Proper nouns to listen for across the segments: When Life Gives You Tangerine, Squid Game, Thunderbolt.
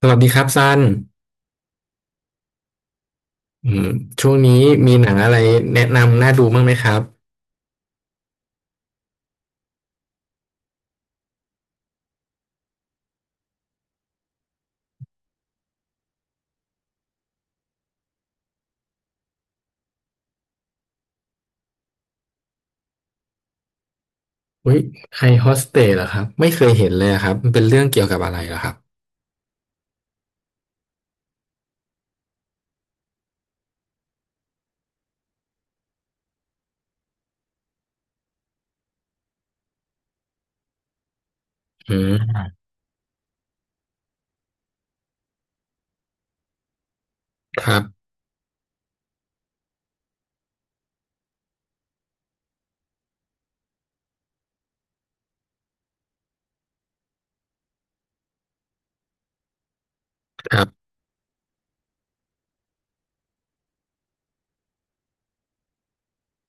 สวัสดีครับซันอืมช่วงนี้มีหนังอะไรแนะนำน่าดูบ้างไหมครับอุ้ยไอโฮสเตสเหรอครับไม่เคยเห็นเลยอะครับมันเป็นเรื่องเกี่ยวกับอะไรเหรอครับอืมครับครับ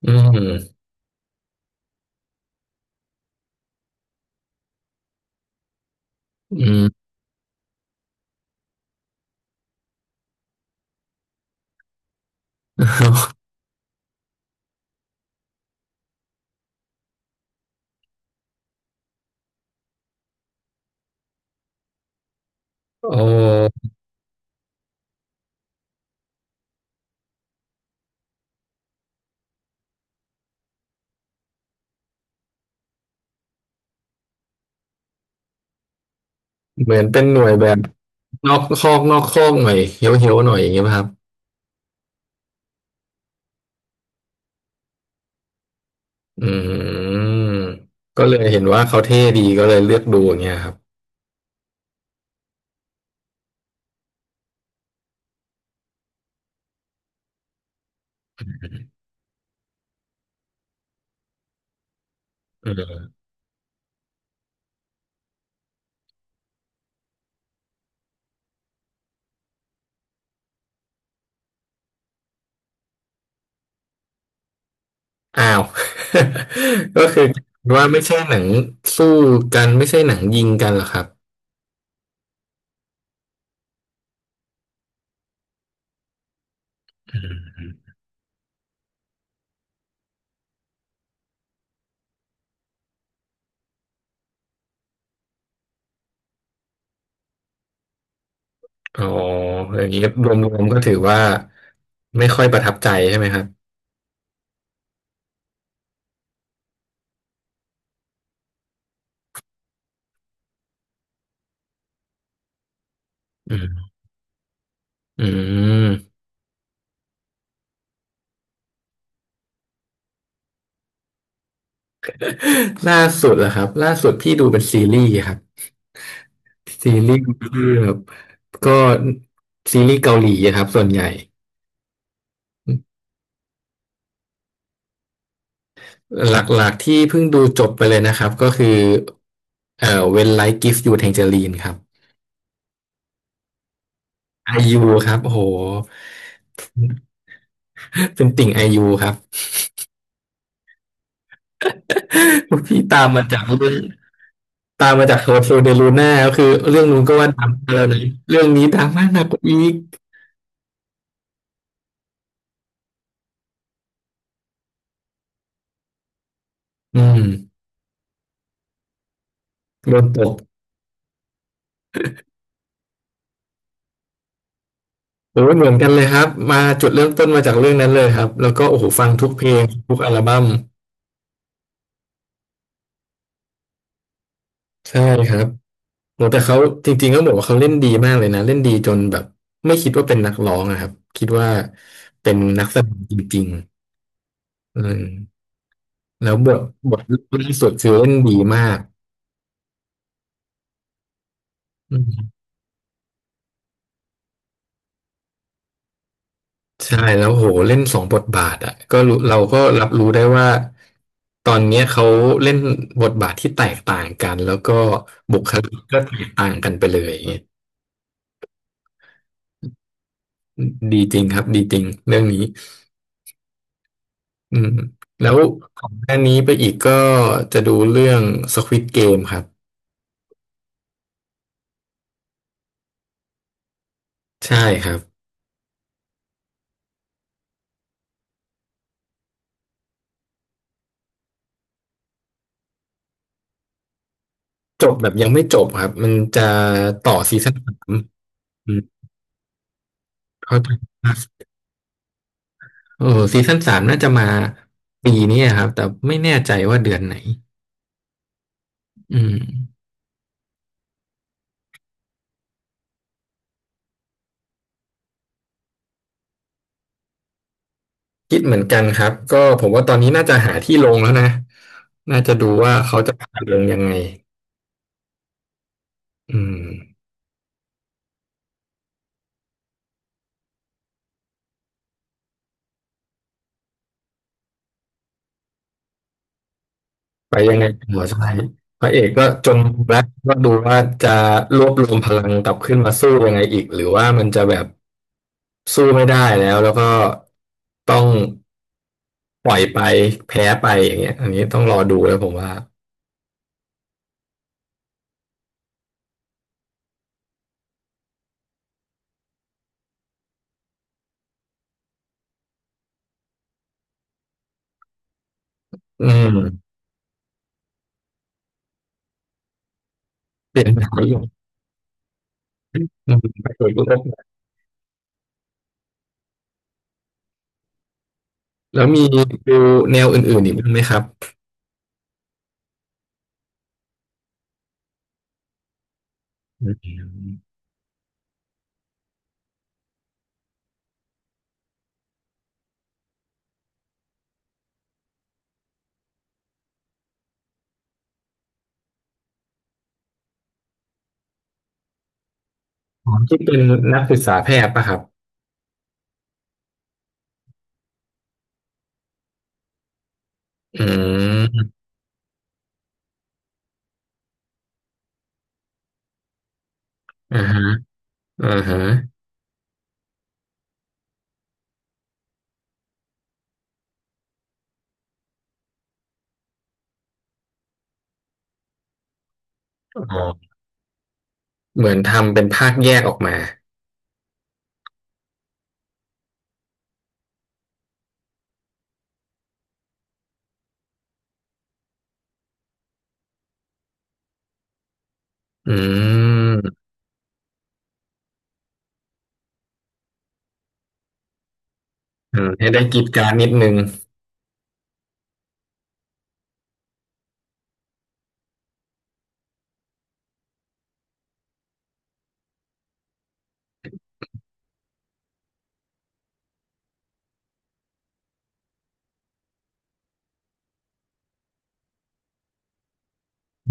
อืมอืม โอ้เหมือนเป็นหน่วยแบบนอกคอกหน่อยเฮี้ยวหน่อยอย่างเงี้ยป่ะครับอืมก็เลยเห็นว่าเขาเท่ดีก็เลยเลือกดูอย่างเงี้ยครับอืมอ้าว ก็คือว่าไม่ใช่หนังสู้กันไม่ใช่หนังยิงกันเหรอครับ อ๋ออย่างนี้รวมๆก็ถือว่าไม่ค่อยประทับใจใช่ไหมครับอืมอืม ล่าสุดเหรอครับล่าสุดพี่ดูเป็นซีรีส์ครับซีรีส์ที่แบบก็ซีรีส์เกาหลีอะครับส่วนใหญ่หลักๆที่เพิ่งดูจบไปเลยนะครับก็คือWhen Life Gives You Tangerine ครับไอยูครับโหเป็นติ่งไอยูครับ พี่ตามมาจากเรื่อง ตามมาจากโฮโซเดลูน่าก็คือเรื่องนู้นก็ว่าดังแล้วนะเรื่องนี้ดังมากหนักกว่าอีกอืมโดนตกโอ้ยเหมือนกันเลยครับมาจุดเริ่มต้นมาจากเรื่องนั้นเลยครับแล้วก็โอ้โหฟังทุกเพลงทุกอัลบั้มใช่ครับโอ้แต่เขาจริงๆก็บอกว่าเขาเล่นดีมากเลยนะเล่นดีจนแบบไม่คิดว่าเป็นนักร้องนะครับคิดว่าเป็นนักแสดงจริงๆอืมแล้วบทบทรองล่าสุดคือเล่นดีมากอืม ใช่แล้วโหเล่นสองบทบาทอ่ะก็รู้เราก็รับรู้ได้ว่าตอนเนี้ยเขาเล่นบทบาทที่แตกต่างกันแล้วก็บุคลิกก็แตกต่างกันไปเลยอย่างเงี้ยดีจริงครับดีจริงเรื่องนี้อืมแล้วของหน้านี้ไปอีกก็จะดูเรื่อง Squid Game ครับใช่ครับจบแบบยังไม่จบครับมันจะต่อซีซั่นสามอืมเข้าใจครับเออซีซั่นสามน่าจะมาปีนี้ครับแต่ไม่แน่ใจว่าเดือนไหนอืม คิดเหมือนกันครับก็ผมว่าตอนนี้น่าจะหาที่ลงแล้วนะน่าจะดูว่าเขาจะพาลงยังไงอืมไปยังไงหัวใช่พระเอกก็จนมุมแล้วก็ดูว่าจะรวบรวมพลังกลับขึ้นมาสู้ยังไงอีกหรือว่ามันจะแบบสู้ไม่ได้แล้วแล้วก็ต้องปล่อยไปแพ้ไปอย่างเงี้ยอันนี้ต้องรอดูแล้วผมว่าอืมเปลี่ยนแนวอยู่อืมไปโดยรวมแล้วมีดูแนวอื่นๆอีกบ้างไหมครับอืม อ๋อที่เป็นนักศึกษาแพทย์ป่ะครับอืมอ่าฮะอ่าฮะอ๋อเหมือนทำเป็นภาคแยกออกมาอืมอืมให้ได้กรีดกรารนิดนึง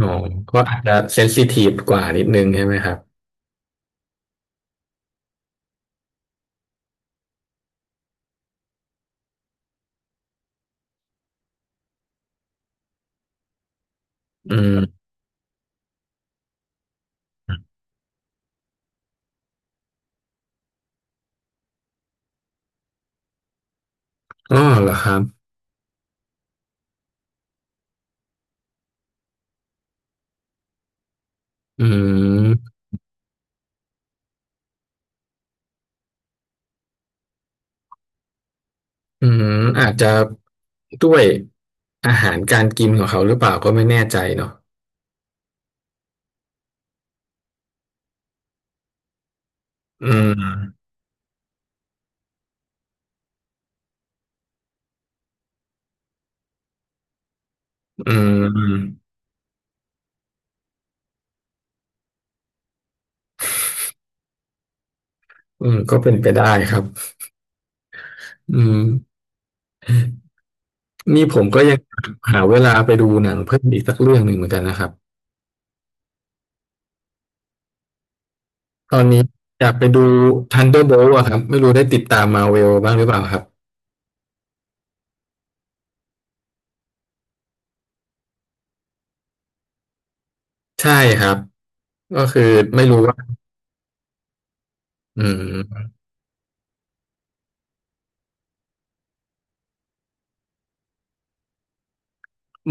อ๋อก็อาจจะเซนซิทีฟกว่านิดนึงใช่ไหมครับอืมอ๋อเหรอครับอืมอืมอาจจะด้วยอาหารการกินของเขาหรือเปล่าก็ไม่แน่ใจเนาะอืมอืมอืมก็เป็นไปได้ครับอืม นี่ผมก็ยังหาเวลาไปดูหนังเพิ่มอีกสักเรื่องหนึ่งเหมือนกันนะครับตอนนี้อยากไปดู Thunderbolt อะครับไม่รู้ได้ติดตามมาเวลบ้างหรือเปล่าครับใช่ครับก็คือไม่รู้ว่าอืม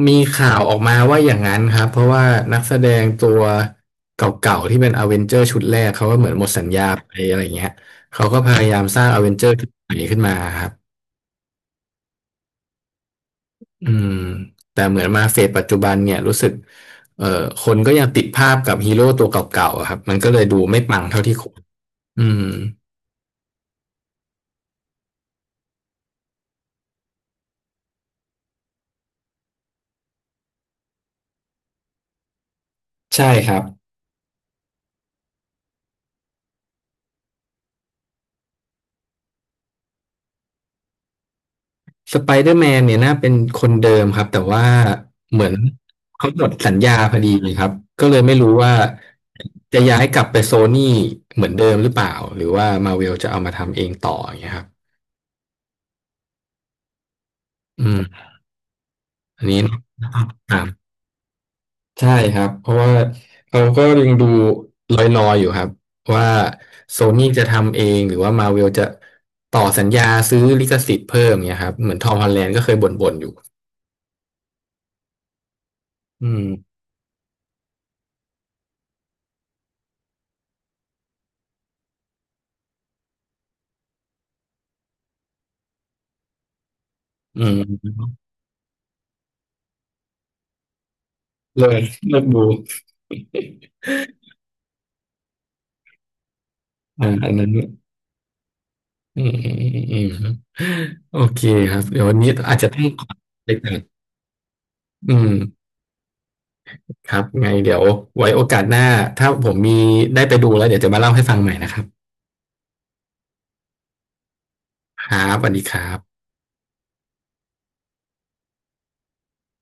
มีข่าวออกมาว่าอย่างนั้นครับเพราะว่านักแสดงตัวเก่าๆที่เป็นอเวนเจอร์ชุดแรกเขาก็เหมือนหมดสัญญาไปอะไรเงี้ยเขาก็พยายามสร้างอเวนเจอร์ชุดใหม่ขึ้นมาครับ อืมแต่เหมือนมาเฟสปัจจุบันเนี่ยรู้สึกเอ่อคนก็ยังติดภาพกับฮีโร่ตัวเก่าๆอะครับมันก็เลยดูไม่ปังเท่าที่ควรอืมใช่ครับสไปเดอร์แมนเนี่ยน่าเป็นคนเดิมครับแต่ว่าเหมือนเขาหมดสัญญาพอดีเลยครับก็เลยไม่รู้ว่าจะย้ายกลับไปโซนี่เหมือนเดิมหรือเปล่าหรือว่ามาเวลจะเอามาทำเองต่ออย่างเงี้ยครับอืมอันนี้น่าตาม ใช่ครับเพราะว่าเราก็ยังดูลอยๆอยู่ครับว่าโซนี่จะทำเองหรือว่ามาเวลจะต่อสัญญาซื้อลิขสิทธิ์เพิ่มเนี่ยครับเหมือนทอมฮอลแลนด์ก็เคยบ่นๆอยู่อืมอืมเลิกเลิกดู อ่าอันนั้นอืมอืมอืมอืมโอเคครับเดี๋ยววันนี้อาจจะต้องขอไปก่อนอืมครับไงเดี๋ยวไว้โอกาสหน้าถ้าผมมีได้ไปดูแล้วเดี๋ยวจะมาเล่าให้ฟังใหม่นะครับครับสวัสดีครับ